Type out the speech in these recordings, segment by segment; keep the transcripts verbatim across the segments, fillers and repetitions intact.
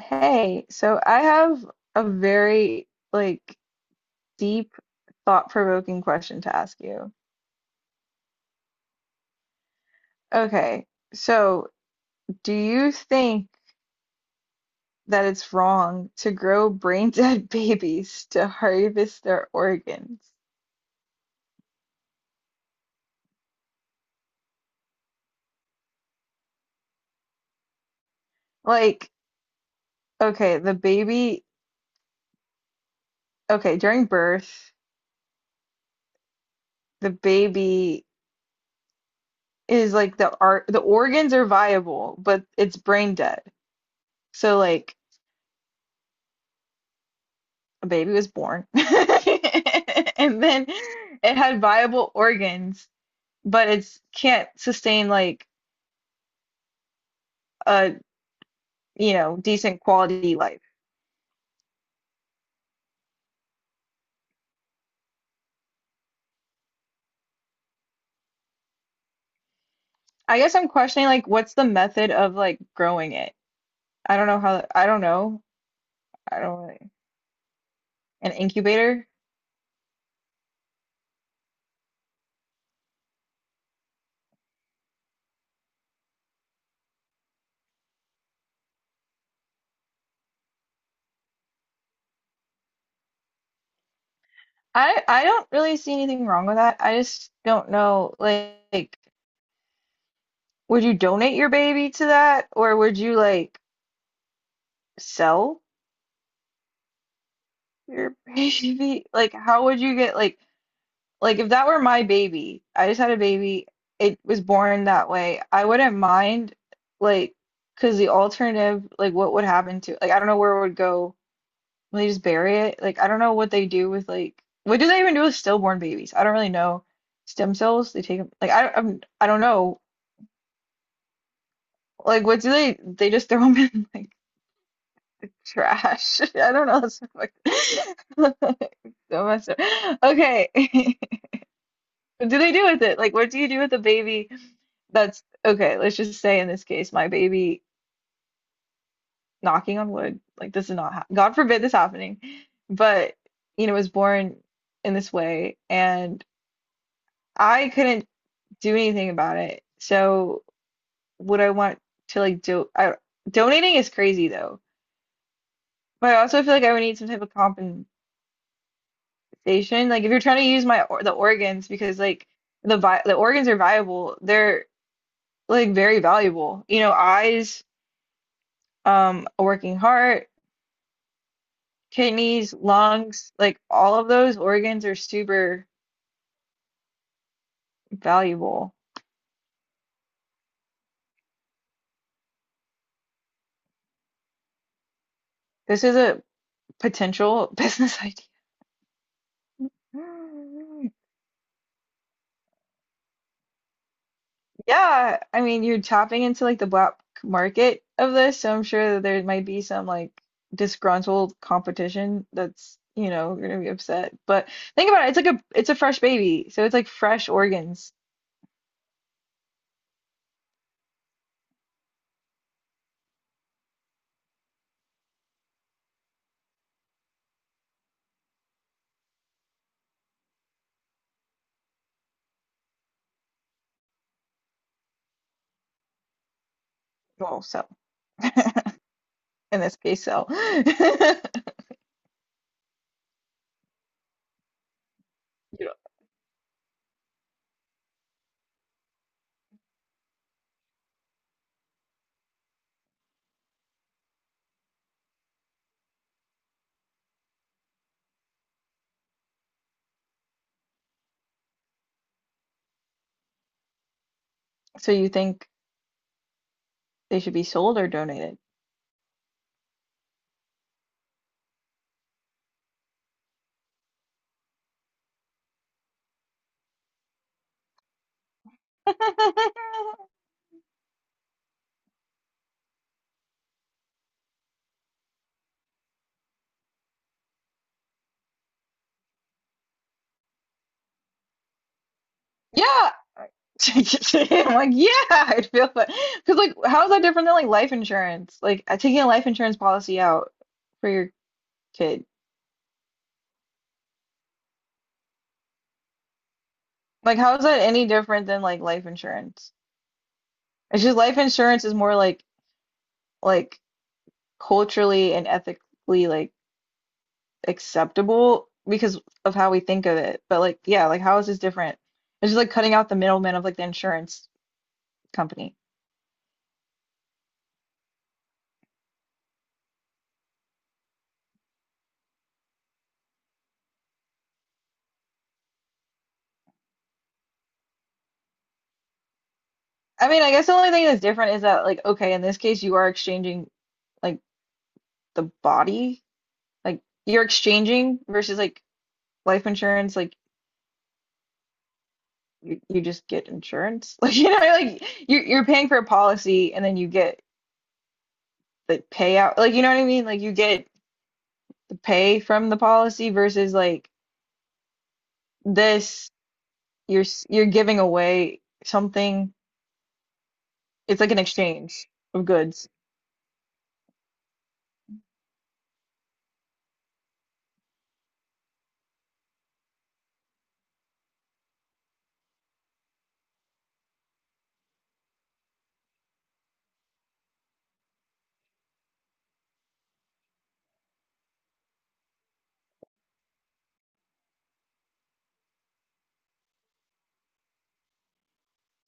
Hey, so I have a very like deep, thought-provoking question to ask you. Okay, so do you think that it's wrong to grow brain dead babies to harvest their organs? Like, okay, the baby, okay, during birth, the baby is like the art, the organs are viable, but it's brain dead. So like a baby was born and then it had viable organs but it's can't sustain like a you know decent quality life. I guess i'm questioning like what's the method of like growing it. I don't know how I don't know I don't really An incubator. I i don't really see anything wrong with that, I just don't know, like would you donate your baby to that, or would you like sell your baby? Like how would you get like— Like if that were my baby, I just had a baby, it was born that way, I wouldn't mind, like, cause the alternative, like what would happen to— like I don't know where it would go. Will they just bury it? Like I don't know what they do with, like what do they even do with stillborn babies? I don't really know. Stem cells, they take them, like I I'm, I don't know. Like what do they they just throw them in like trash? I don't know. That's so fuck- so messed up. Okay. What do they do with it? Like what do you do with a baby? That's— okay. Let's just say in this case, my baby, knocking on wood, like this is not— hap— God forbid this happening, but you know, was born in this way, and I couldn't do anything about it. So would I want to— like do I— donating is crazy though, but I also feel like I would need some type of compensation. Like if you're trying to use my— or the organs, because like the vi the organs are viable, they're like very valuable. You know, eyes, um, a working heart, kidneys, lungs, like all of those organs are super valuable. This is a potential business idea. Yeah, I mean, you're tapping into like the black market of this, so I'm sure that there might be some like disgruntled competition that's, you know, gonna be upset. But think about it, it's like a it's a fresh baby, so it's like fresh organs. Well, so in this case, so. Yeah. So you think they should be sold or donated? Yeah, I'm like, yeah, I'd feel that. Because, like, how is that different than like life insurance? Like, uh, taking a life insurance policy out for your kid. Like, how is that any different than like life insurance? It's just life insurance is more like like culturally and ethically like acceptable because of how we think of it. But like, yeah, like how is this different? It's just like cutting out the middleman of like the insurance company. I mean, I guess the only thing that's different is that like, okay, in this case, you are exchanging like the body. Like you're exchanging, versus like life insurance, like you, you just get insurance. Like you know, like you're you're paying for a policy and then you get the payout. Like you know what I mean? Like you get the pay from the policy versus like this, you're s- you're giving away something. It's like an exchange of goods.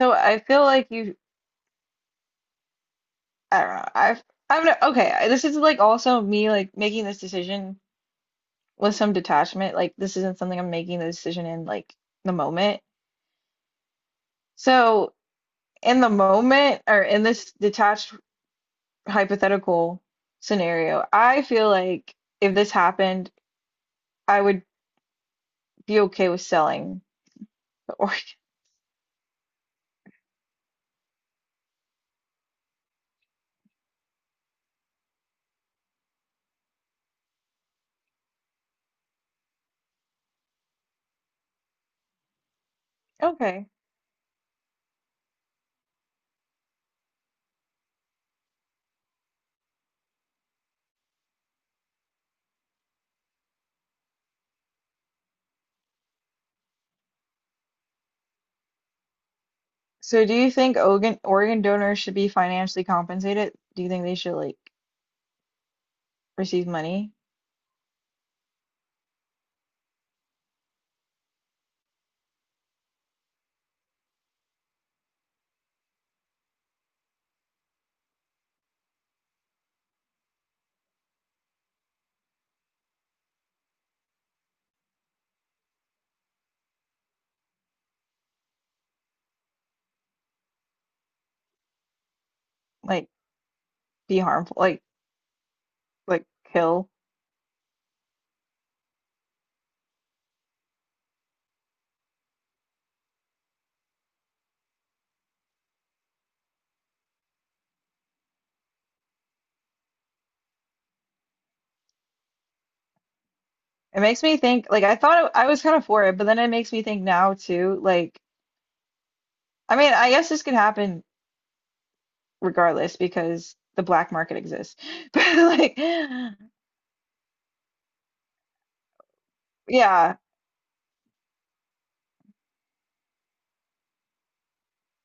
So I feel like you— I don't know. I I'm not— okay. I- This is like also me like making this decision with some detachment. Like this isn't something I'm making the decision in, like, the moment. So in the moment or in this detached hypothetical scenario, I feel like if this happened, I would be okay with selling the organ. Okay. So do you think organ organ donors should be financially compensated? Do you think they should like receive money? Like be harmful, like like kill? It makes me think like I thought it- I was kind of for it, but then it makes me think now too, like I mean, I guess this could happen regardless because the black market exists. But like yeah,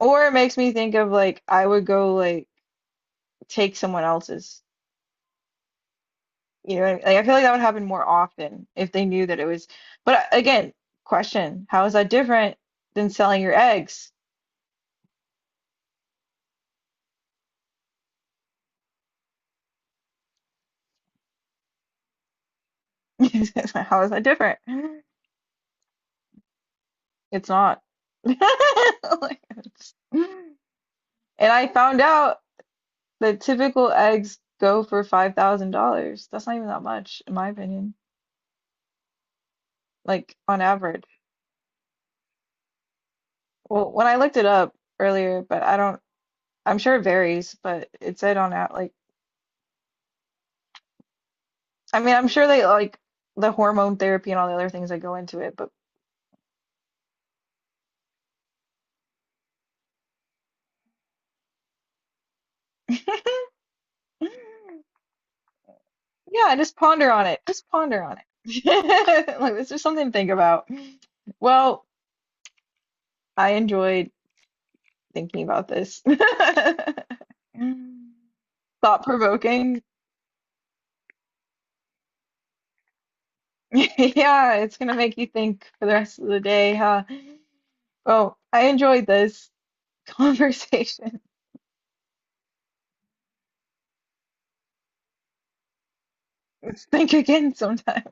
or it makes me think of like I would go like take someone else's. You know what I mean? Like I feel like that would happen more often if they knew that it was. But I- again, question, how is that different than selling your eggs? How is that different? It's not. Like, it's— and I found out that typical eggs go for five thousand dollars. That's not even that much, in my opinion, like on average. Well, when I looked it up earlier, but I don't— I'm sure it varies, but it said on out like— I mean, I'm sure they like the hormone therapy and all the other things that go into it, but yeah, just ponder on it. Just ponder on it. Like, it's just something to think about. Well, I enjoyed thinking about this. Thought provoking. Yeah, it's gonna make you think for the rest of the day, huh? Well, I enjoyed this conversation. Think again sometime.